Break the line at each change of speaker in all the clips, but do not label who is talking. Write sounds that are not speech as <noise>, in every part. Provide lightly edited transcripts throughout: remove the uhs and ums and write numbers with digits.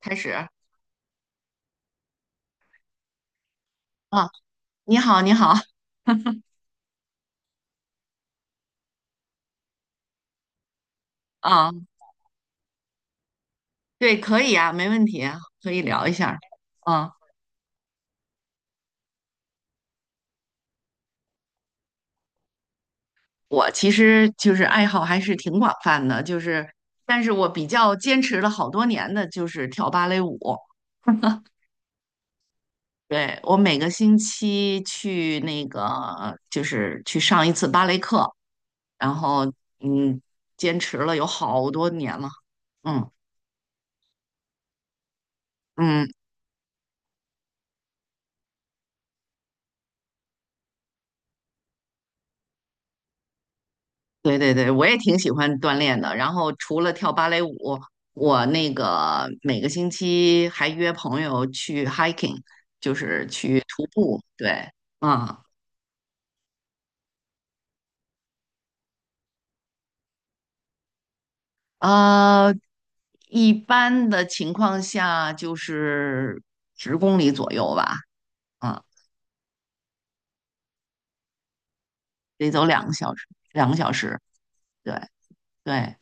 开始啊。你好，你好啊。对，可以啊，没问题啊，可以聊一下儿啊。我其实就是爱好还是挺广泛的，但是我比较坚持了好多年的就是跳芭蕾舞。对，我每个星期去去上一次芭蕾课，然后嗯，坚持了有好多年了，嗯嗯。对对对，我也挺喜欢锻炼的。然后除了跳芭蕾舞，我那个每个星期还约朋友去 hiking，就是去徒步。对。嗯，呃，一般的情况下就是十公里左右吧，嗯，得走两个小时，两个小时。对对。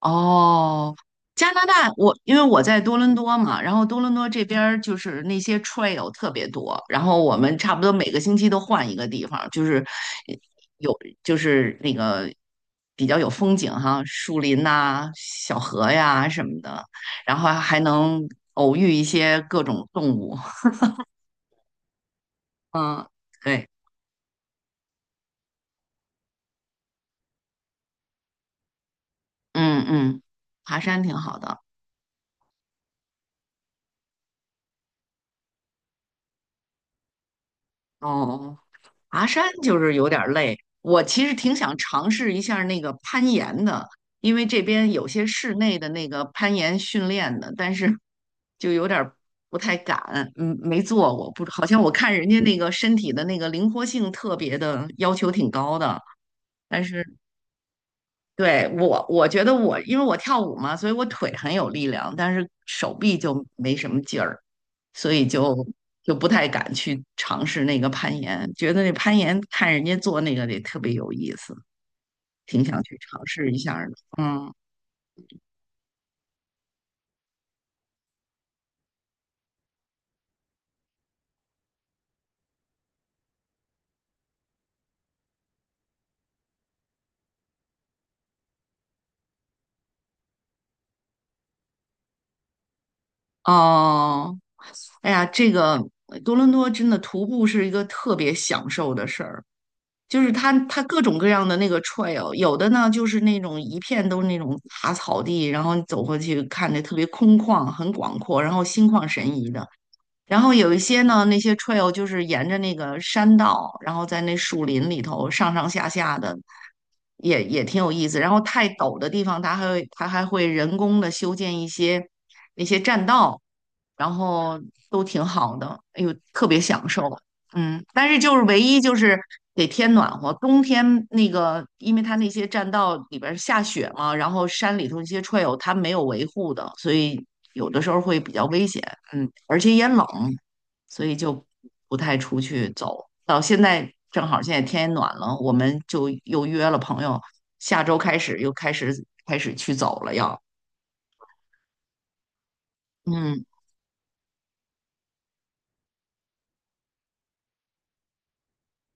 哦，加拿大，我因为我在多伦多嘛，然后多伦多这边儿就是那些 trail 特别多，然后我们差不多每个星期都换一个地方，就是有就是那个比较有风景哈，树林呐、小河呀什么的，然后还能偶遇一些各种动物。<laughs> 嗯，对，嗯嗯，爬山挺好的，哦。爬山就是有点儿累，我其实挺想尝试一下那个攀岩的，因为这边有些室内的那个攀岩训练的，但是 <laughs> 就有点儿不太敢，嗯，没做过，不，好像我看人家那个身体的那个灵活性特别的要求挺高的，但是对，我觉得我，因为我跳舞嘛，所以我腿很有力量，但是手臂就没什么劲儿，所以就不太敢去尝试那个攀岩。觉得那攀岩看人家做那个得特别有意思，挺想去尝试一下儿的。嗯，哦，哎呀，这个多伦多真的徒步是一个特别享受的事儿。就是它各种各样的那个 trail，有的呢就是那种一片都是那种大草地，然后你走过去看着特别空旷、很广阔，然后心旷神怡的；然后有一些呢，那些 trail 就是沿着那个山道，然后在那树林里头上上下下的，也挺有意思。然后太陡的地方，它还会人工的修建一些那些栈道，然后都挺好的，哎呦，特别享受。嗯，但是就是唯一就是得天暖和，冬天那个，因为它那些栈道里边儿下雪嘛，然后山里头那些 trail 它没有维护的，所以有的时候会比较危险，嗯，而且也冷，所以就不太出去走。到现在正好现在天也暖了，我们就又约了朋友，下周开始又开始去走了要。嗯，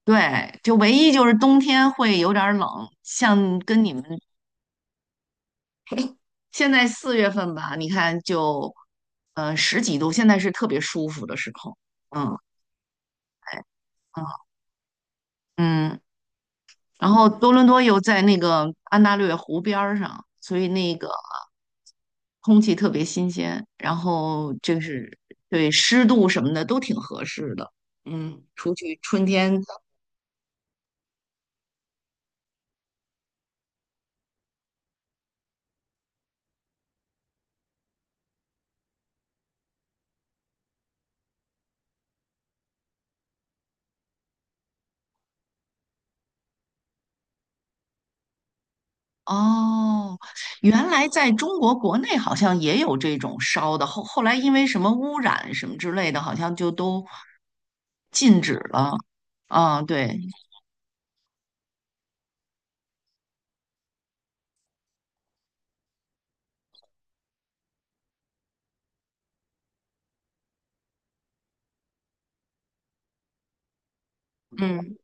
对，就唯一就是冬天会有点儿冷，像跟你们 <laughs> 现在四月份吧，你看就嗯、呃十几度，现在是特别舒服的时候，嗯，哎，嗯嗯。然后多伦多又在那个安大略湖边儿上，所以那个空气特别新鲜，然后就是对湿度什么的都挺合适的。嗯，出去春天哦。原来在中国国内好像也有这种烧的，后来因为什么污染什么之类的，好像就都禁止了。啊，对，嗯，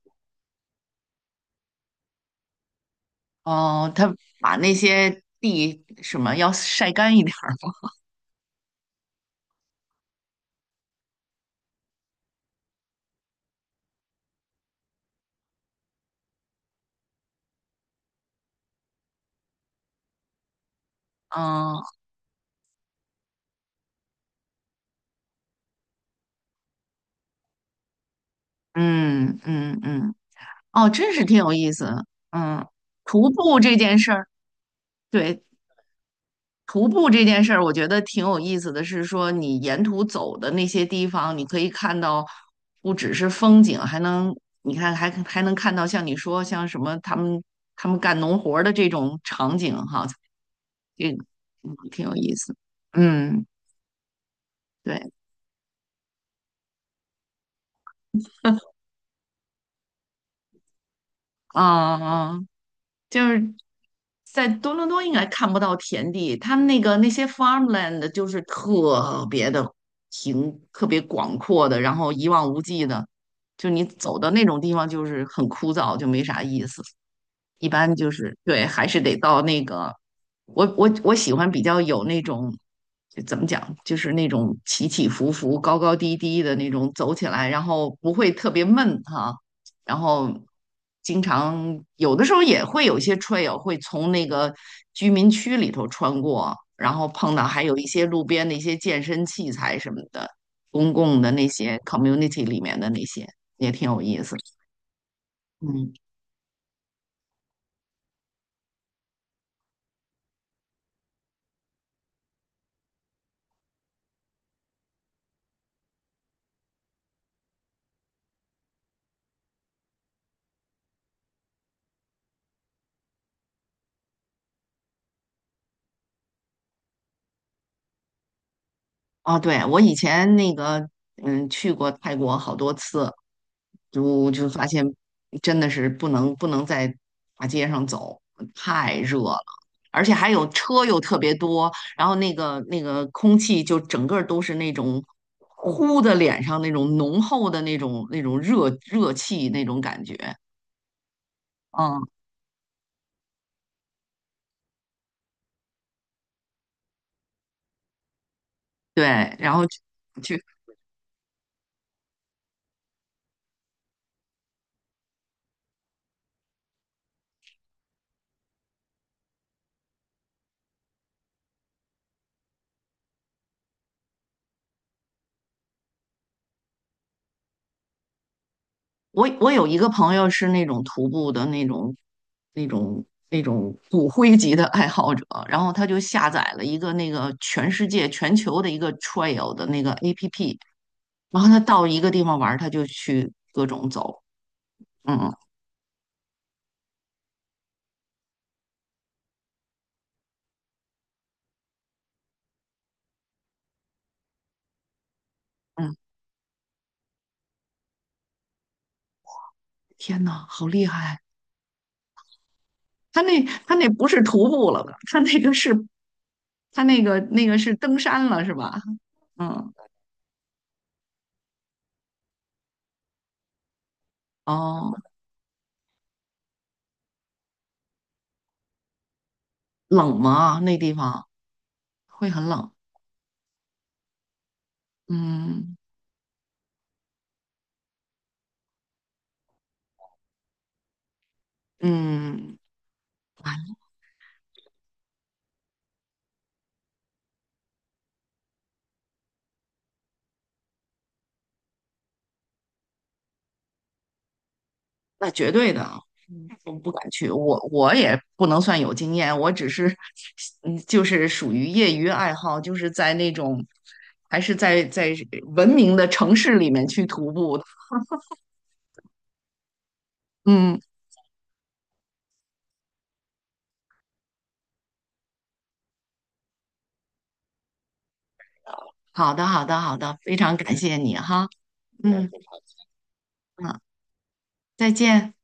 哦，他把那些地什么要晒干一点儿。嗯嗯嗯嗯。哦，真是挺有意思。嗯，徒步这件事儿，对，徒步这件事儿，我觉得挺有意思的是说，你沿途走的那些地方，你可以看到不只是风景，还能你看还能看到像你说像什么他们干农活儿的这种场景哈，这个嗯挺有意思。嗯，对，啊啊。啊就是在多伦多应该看不到田地，他们那个那些 farmland 就是特别的平，特别广阔的，然后一望无际的，就你走到那种地方就是很枯燥，就没啥意思。一般就是对，还是得到那个，我喜欢比较有那种，就怎么讲，就是那种起起伏伏、高高低低的那种走起来，然后不会特别闷哈、然后经常有的时候也会有一些 trail 会从那个居民区里头穿过，然后碰到还有一些路边的一些健身器材什么的，公共的那些 community 里面的那些也挺有意思。嗯。哦，对，我以前那个，嗯，去过泰国好多次，就发现真的是不能在大街上走，太热了，而且还有车又特别多，然后那个空气就整个儿都是那种呼的脸上那种浓厚的那种热热气那种感觉，嗯，对，然后去。我我有一个朋友是那种徒步的那种骨灰级的爱好者，然后他就下载了一个那个全世界、全球的一个 trail 的那个 APP，然后他到一个地方玩儿他就去各种走。嗯嗯，天呐，好厉害！他那不是徒步了吧？他那个是他那个是登山了是吧？嗯，哦，冷吗？那地方会很冷。嗯嗯。哎，那绝对的，嗯，我不敢去。我也不能算有经验，我只是，嗯，就是属于业余爱好，就是在那种，还是在文明的城市里面去徒步的。嗯，好的，好的，好的，非常感谢你哈。嗯嗯嗯，再见。